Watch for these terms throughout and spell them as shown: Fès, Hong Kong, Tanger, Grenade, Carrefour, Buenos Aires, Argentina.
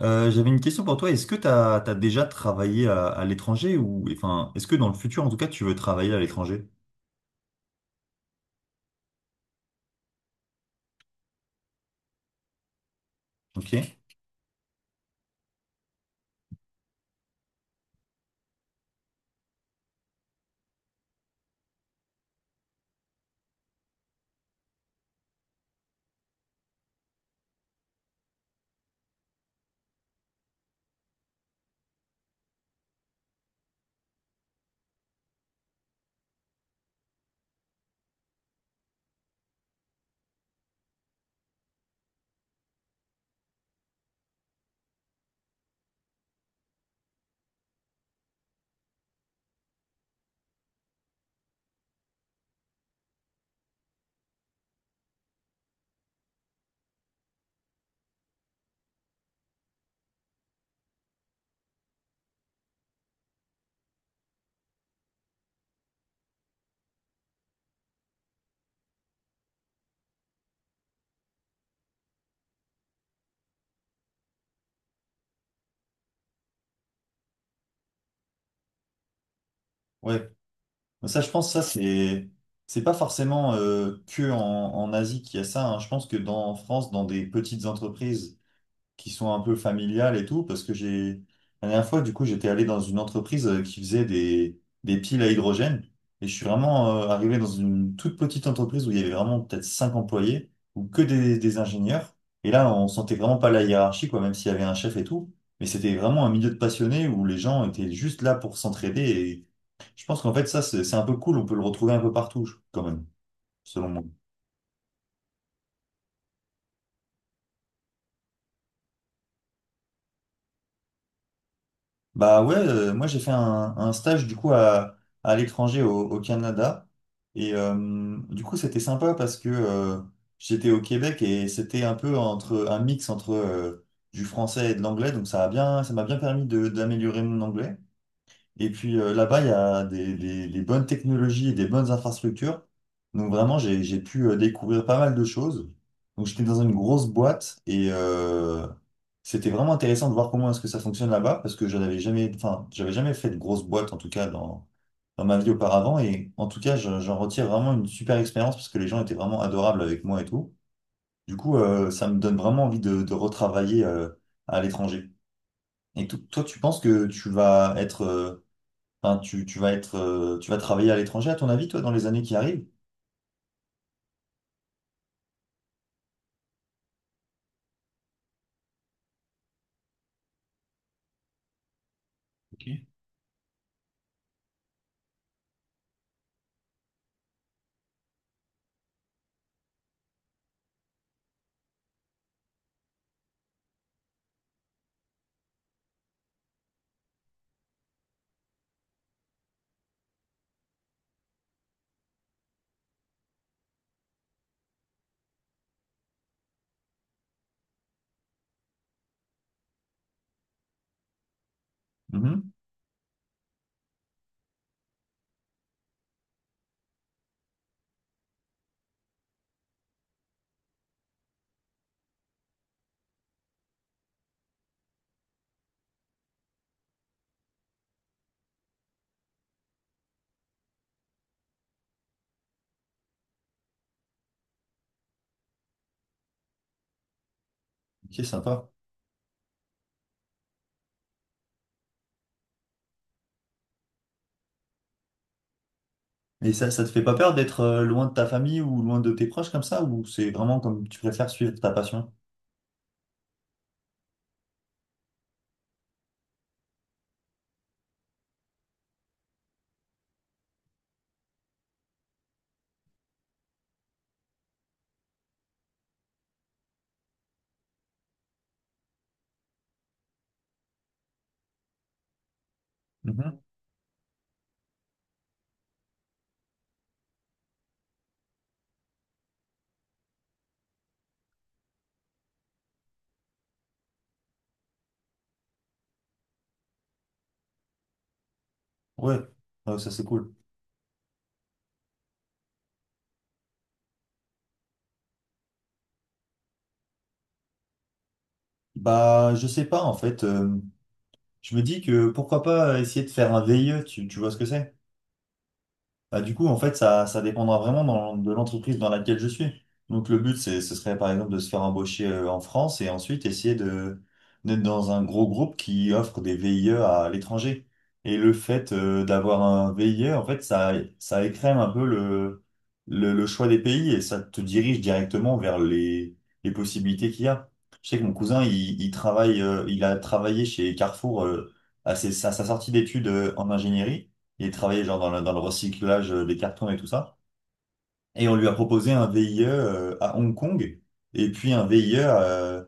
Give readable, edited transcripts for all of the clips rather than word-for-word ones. J'avais une question pour toi. Est-ce que tu as, déjà travaillé à l'étranger ou enfin, est-ce que dans le futur, en tout cas, tu veux travailler à l'étranger? Ok. Ouais. Ça, je pense que ça, c'est pas forcément que en Asie qu'il y a ça, hein. Je pense que dans en France, dans des petites entreprises qui sont un peu familiales et tout, parce que la dernière fois, du coup, j'étais allé dans une entreprise qui faisait des piles à hydrogène, et je suis vraiment arrivé dans une toute petite entreprise où il y avait vraiment peut-être cinq employés, ou que des ingénieurs, et là, on sentait vraiment pas la hiérarchie, quoi, même s'il y avait un chef et tout, mais c'était vraiment un milieu de passionnés où les gens étaient juste là pour s'entraider, et je pense qu'en fait, ça, c'est un peu cool, on peut le retrouver un peu partout, quand même, selon moi. Bah ouais, moi j'ai fait un stage du coup à l'étranger au Canada. Et du coup c'était sympa parce que j'étais au Québec et c'était un peu entre un mix entre du français et de l'anglais. Donc ça m'a bien permis d'améliorer mon anglais. Et puis là-bas, il y a des bonnes technologies et des bonnes infrastructures. Donc vraiment, j'ai pu découvrir pas mal de choses. Donc j'étais dans une grosse boîte et c'était vraiment intéressant de voir comment est-ce que ça fonctionne là-bas parce que je n'avais jamais, enfin, j'avais jamais fait de grosse boîte en tout cas dans ma vie auparavant. Et en tout cas, j'en retire vraiment une super expérience parce que les gens étaient vraiment adorables avec moi et tout. Du coup, ça me donne vraiment envie de retravailler à l'étranger. Et toi, tu penses que tu vas être, tu vas travailler à l'étranger, à ton avis, toi, dans les années qui arrivent? Mhm. Ok, sympa. Et ça te fait pas peur d'être loin de ta famille ou loin de tes proches comme ça, ou c'est vraiment comme tu préfères suivre ta passion? Mhm. Ouais, ouais, ça c'est cool. Bah, je sais pas, en fait, je me dis que pourquoi pas essayer de faire un VIE, tu vois ce que c'est? Bah, du coup, en fait, ça dépendra vraiment de l'entreprise dans laquelle je suis. Donc, ce serait par exemple de se faire embaucher en France et ensuite essayer d'être dans un gros groupe qui offre des VIE à l'étranger. Et le fait d'avoir un VIE, en fait, ça écrème un peu le choix des pays et ça te dirige directement vers les possibilités qu'il y a. Je sais que mon cousin, il travaille, il a travaillé chez Carrefour à sa sortie d'études en ingénierie. Il travaillait genre dans dans le recyclage des cartons et tout ça. Et on lui a proposé un VIE à Hong Kong et puis un VIE euh,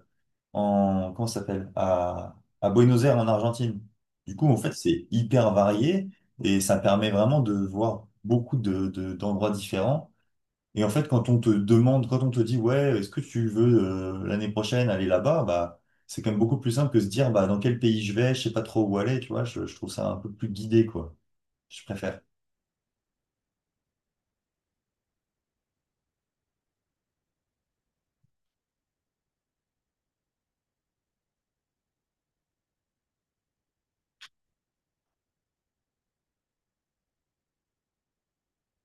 en, comment ça s'appelle? À Buenos Aires en Argentine. Du coup, en fait, c'est hyper varié et ça permet vraiment de voir beaucoup d'endroits différents. Et en fait, quand on te dit, ouais, est-ce que tu veux l'année prochaine aller là-bas, bah, c'est quand même beaucoup plus simple que se dire, bah, dans quel pays je vais, je sais pas trop où aller, tu vois, je trouve ça un peu plus guidé, quoi. Je préfère.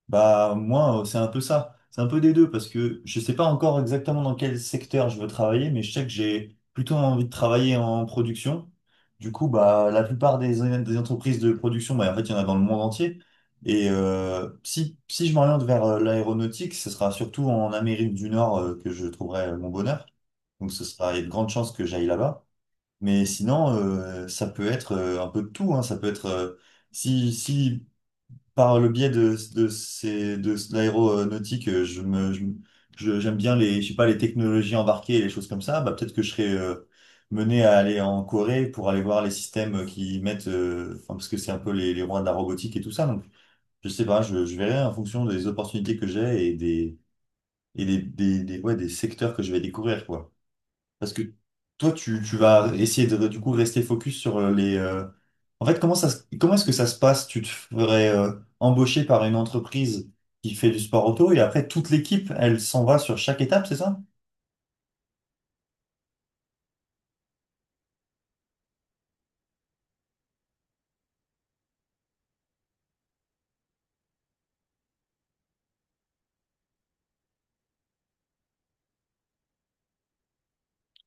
Bah moi, c'est un peu ça. C'est un peu des deux parce que je sais pas encore exactement dans quel secteur je veux travailler, mais je sais que j'ai plutôt envie de travailler en production. Du coup, des entreprises de production, bah en fait, il y en a dans le monde entier. Et si je m'oriente vers l'aéronautique, ce sera surtout en Amérique du Nord que je trouverai mon bonheur. Donc ce sera, il y a de grandes chances que j'aille là-bas. Mais sinon, ça peut être un peu de tout, hein. Ça peut être si par le biais de l'aéronautique, je me, je- j'aime bien je sais pas, les technologies embarquées et les choses comme ça. Bah, peut-être que je serais mené à aller en Corée pour aller voir les systèmes enfin, parce que c'est un peu les rois de la robotique et tout ça. Donc, je sais pas, je verrai en fonction des opportunités que j'ai ouais, des secteurs que je vais découvrir, quoi. Parce que toi, tu vas essayer de, du coup, rester focus sur en fait, comment est-ce que ça se passe? Tu te ferais embaucher par une entreprise qui fait du sport auto et après, toute l'équipe, elle s'en va sur chaque étape, c'est ça?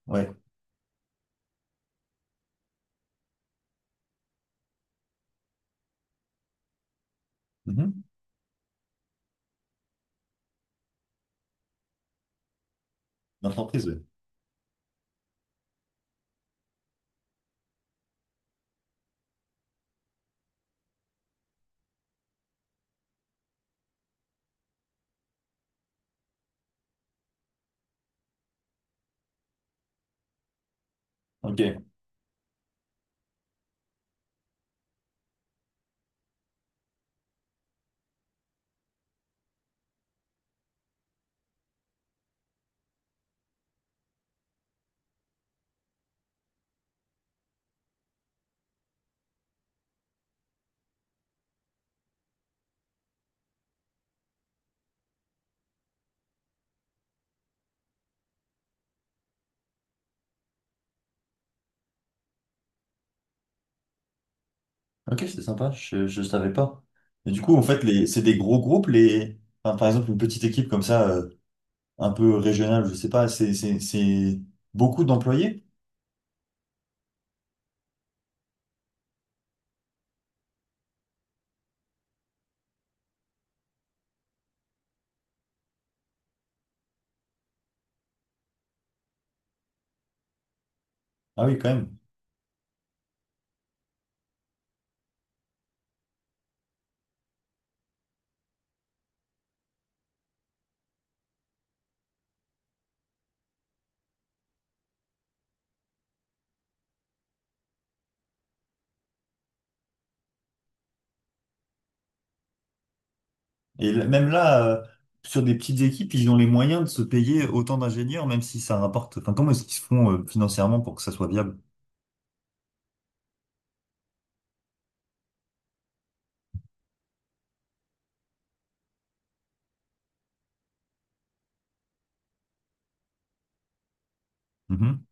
Ouais. Mhm. L'entreprise, ouais. Ok. Ok, c'est sympa. Je savais pas. Et du coup, en fait, c'est des gros groupes, les... enfin, par exemple, une petite équipe comme ça, un peu régionale, je sais pas, c'est beaucoup d'employés? Ah oui, quand même. Et même là, sur des petites équipes, ils ont les moyens de se payer autant d'ingénieurs, même si ça rapporte. Enfin, comment est-ce qu'ils se font financièrement pour que ça soit viable? Mhm.